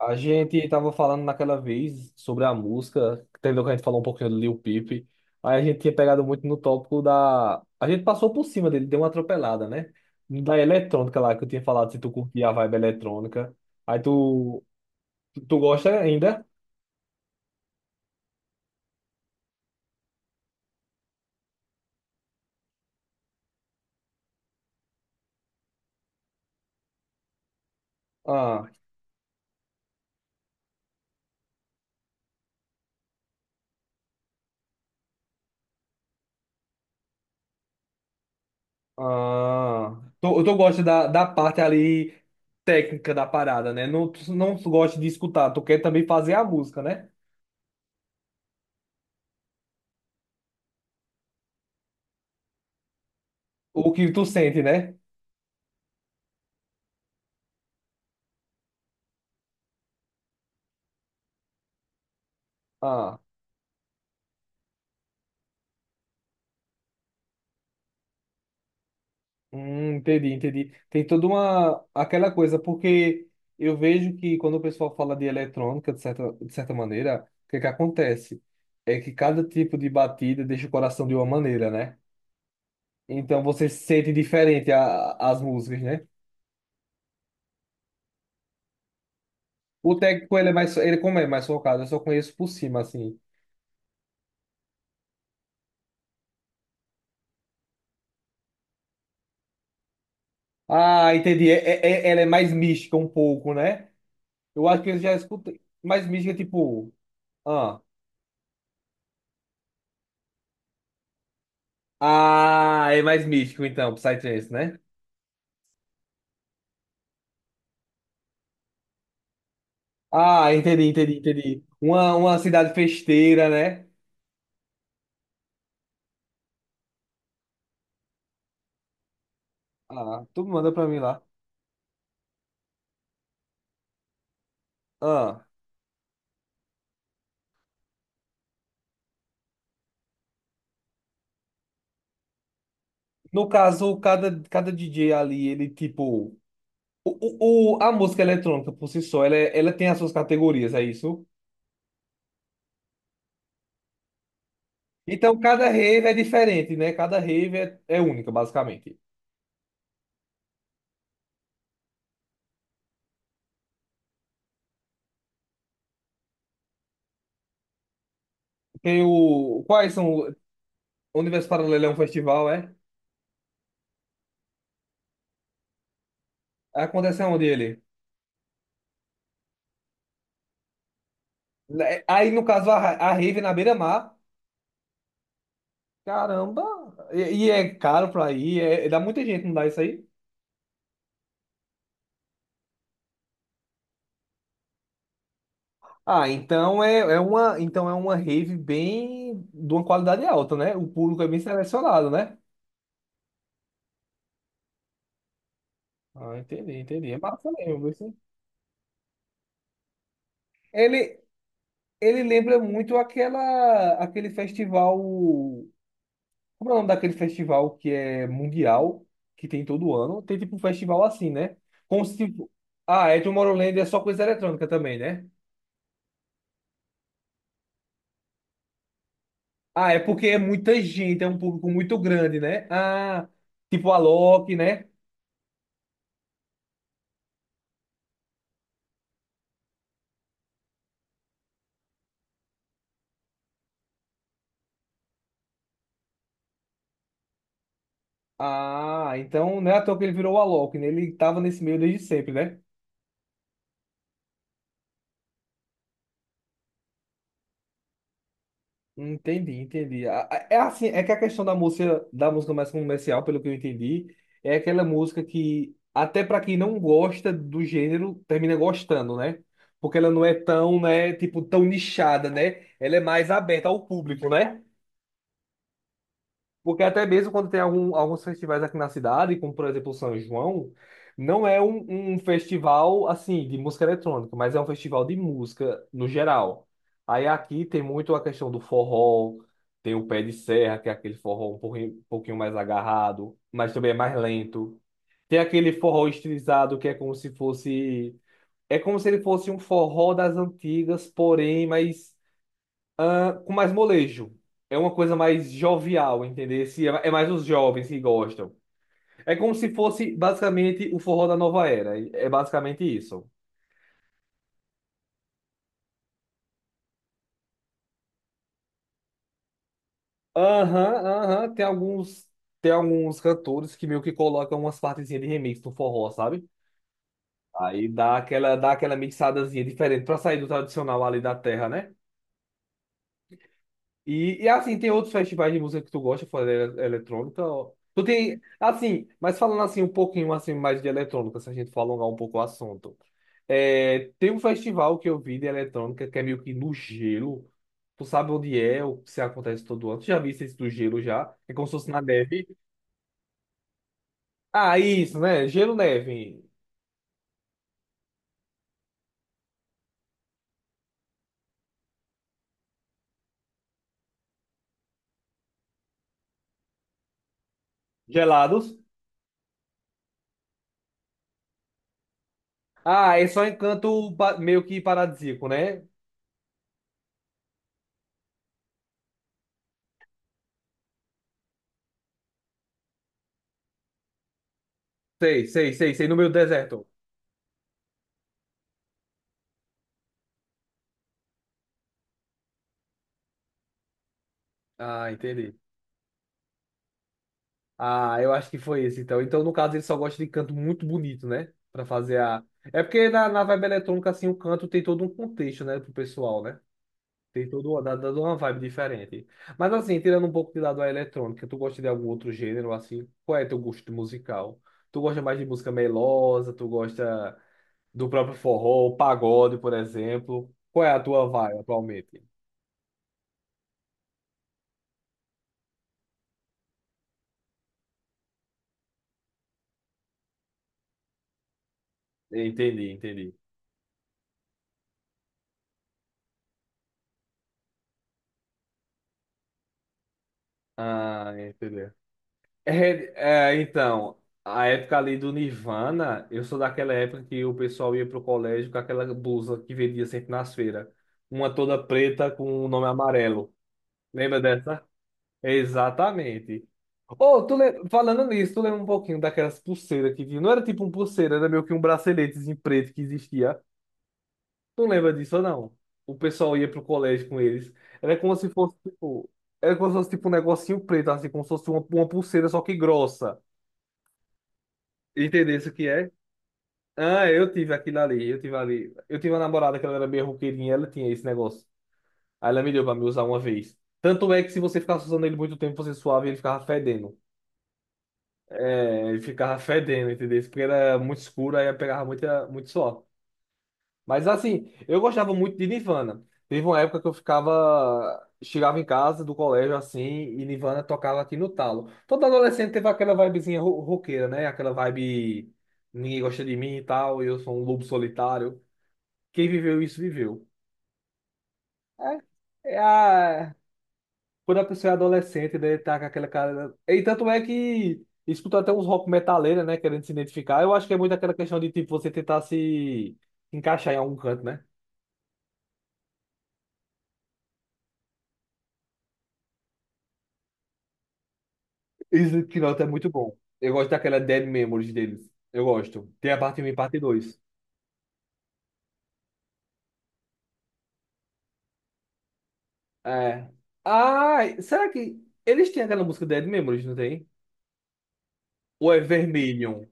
A gente tava falando naquela vez sobre a música, entendeu? Que a gente falou um pouquinho do Lil Peep. Aí a gente tinha pegado muito no tópico da. A gente passou por cima dele, deu uma atropelada, né? Da eletrônica lá, que eu tinha falado se tu curtia a vibe eletrônica. Aí tu. Tu gosta ainda? Ah, ah. Tu gosta da parte ali técnica da parada, né? Não, tu não gosta de escutar, tu quer também fazer a música, né? O que tu sente, né? Ah, hum, entendi, entendi. Tem toda uma aquela coisa, porque eu vejo que quando o pessoal fala de eletrônica, de certa maneira, o que é que acontece? É que cada tipo de batida deixa o coração de uma maneira, né? Então você sente diferente as músicas, né? O técnico, ele é mais, ele como é mais focado, eu só conheço por cima, assim. Ah, entendi. Ela é mais mística um pouco, né? Eu acho que eu já escutei. Mais mística, tipo. Ah, ah é mais místico então, Psytrance, né? Ah, entendi, entendi, entendi. Uma cidade festeira, né? Ah, tu manda pra mim lá. Ah, no caso, cada DJ ali, ele tipo. A música eletrônica por si só, ela, ela tem as suas categorias, é isso? Então, cada rave é diferente, né? Cada rave é única, basicamente. Tem o. Quais são. O Universo Paralelo é um festival, é? Acontece aonde ele? Aí, no caso, a rave é na beira-mar. Caramba! E é caro pra ir, é, dá muita gente, não dá isso aí? Ah, então é uma rave bem de uma qualidade alta, né? O público é bem selecionado, né? Ah, entendi, entendi. É massa mesmo, viu? Sim? Ele, ele lembra muito aquele festival. Como é o nome daquele festival que é mundial, que tem todo ano? Tem tipo um festival assim, né? Como se tipo. Ah, é Tomorrowland é só coisa eletrônica também, né? Ah, é porque é muita gente, é um público muito grande, né? Ah, tipo a Loki, né? Ah, então não é à toa que ele virou o Alok, né? Ele tava nesse meio desde sempre, né? Entendi, entendi. É assim, é que a questão da música, mais comercial, pelo que eu entendi, é aquela música que, até para quem não gosta do gênero, termina gostando, né? Porque ela não é tão, né, tipo, tão nichada, né? Ela é mais aberta ao público, né? Porque até mesmo quando tem alguns festivais aqui na cidade, como por exemplo o São João, não é um festival assim de música eletrônica, mas é um festival de música no geral. Aí aqui tem muito a questão do forró, tem o pé de serra, que é aquele forró um pouquinho mais agarrado, mas também é mais lento. Tem aquele forró estilizado que é como se fosse, é como se ele fosse um forró das antigas, porém mais com mais molejo. É uma coisa mais jovial, entendeu? Se É é mais os jovens que gostam. É como se fosse basicamente o forró da nova era. É basicamente isso. Aham, aham. Tem alguns cantores que meio que colocam umas partezinhas de remix no forró, sabe? Aí dá aquela mixadazinha diferente pra sair do tradicional ali da terra, né? E assim, tem outros festivais de música que tu gosta fora da eletrônica? Ó. Tu tem, assim, mas falando assim um pouquinho assim mais de eletrônica, se a gente for alongar um pouco o assunto. É, tem um festival que eu vi de eletrônica que é meio que no gelo. Tu sabe onde é, o que se acontece todo ano. Tu já viste isso do gelo já? É como se fosse na neve. Ah, isso, né? Gelo, neve. Gelados. Ah, é só encanto meio que paradisíaco, né? Sei, sei, sei, sei, no meio do deserto. Ah, entendi. Ah, eu acho que foi esse, então. Então, no caso, ele só gosta de canto muito bonito, né? Pra fazer a. É porque na vibe eletrônica, assim, o canto tem todo um contexto, né, pro pessoal, né? Tem todo, dá uma vibe diferente. Mas, assim, tirando um pouco de lado a eletrônica, tu gosta de algum outro gênero, assim? Qual é teu gosto musical? Tu gosta mais de música melosa? Tu gosta do próprio forró, pagode, por exemplo? Qual é a tua vibe atualmente? Entendi, entendi. Ah, entendi. Então, a época ali do Nirvana, eu sou daquela época que o pessoal ia pro colégio com aquela blusa que vendia sempre nas feiras. Uma toda preta com o nome amarelo. Lembra dessa? Exatamente. Oh, falando nisso, tu lembra um pouquinho daquelas pulseiras que tinha? Não era tipo um pulseira, era meio que um braceletezinho preto que existia. Tu lembra disso ou não? O pessoal ia pro colégio com eles. Era como se fosse tipo, era como se fosse tipo um negocinho preto, assim, como se fosse uma pulseira, só que grossa. Entendesse o que é? Ah, eu tive aquilo ali. Eu tive uma namorada que ela era meio roqueirinha, ela tinha esse negócio. Aí ela me deu pra me usar uma vez. Tanto é que se você ficasse usando ele muito tempo, você suava e ele ficava fedendo. É, ele ficava fedendo, entendeu? Porque era muito escuro, aí pegava muito suor. Mas assim, eu gostava muito de Nirvana. Teve uma época que eu ficava, chegava em casa do colégio assim, e Nirvana tocava aqui no talo. Todo adolescente teve aquela vibezinha roqueira, né? Aquela vibe ninguém gosta de mim e tal, eu sou um lobo solitário. Quem viveu isso, viveu. É a. Quando a pessoa é adolescente, né, tá com aquela cara, né? E tanto é que escuta até uns rock metaleira, né, querendo se identificar. Eu acho que é muito aquela questão de tipo você tentar se encaixar em algum canto, né? Esse Knot é muito bom. Eu gosto daquela Dead Memories deles. Eu gosto. Tem a parte um e parte dois. É. Ah, será que eles têm aquela música Dead Memories, não tem? Ou é Vermilion?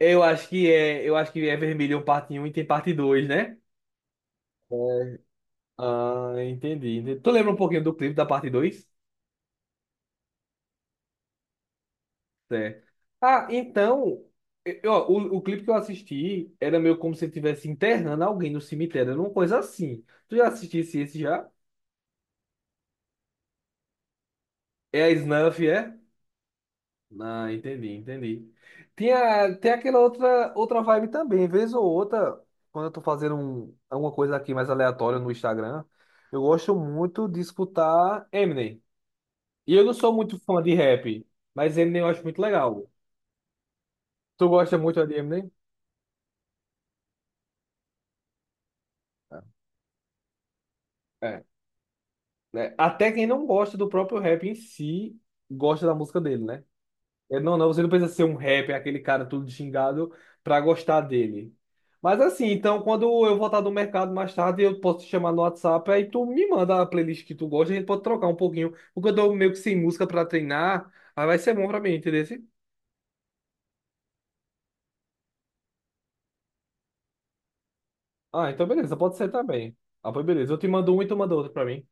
Eu acho que é Vermilion parte um e tem parte 2, né? Ah, entendi. Entendi. Tu lembra um pouquinho do clipe da parte 2? Certo. Ah, então, ó, o clipe que eu assisti era meio como se ele estivesse internando alguém no cemitério, era uma coisa assim. Tu já assistisse esse já? É a Snuff, é? Ah, entendi, entendi. Tinha, tem aquela outra vibe também, vez ou outra, quando eu tô fazendo alguma coisa aqui mais aleatória no Instagram, eu gosto muito de escutar Eminem. E eu não sou muito fã de rap, mas Eminem eu acho muito legal. Tu gosta muito de Eminem? É, né? Até quem não gosta do próprio rap em si, gosta da música dele, né? É, não, não, você não precisa ser um rapper, aquele cara todo xingado, pra gostar dele. Mas assim, então quando eu voltar do mercado mais tarde, eu posso te chamar no WhatsApp, aí tu me manda a playlist que tu gosta, a gente pode trocar um pouquinho, porque eu tô meio que sem música pra treinar, aí vai ser bom pra mim, entendeu? Ah, então beleza, pode ser também. Ah, pois beleza, eu te mando um e tu manda outro pra mim.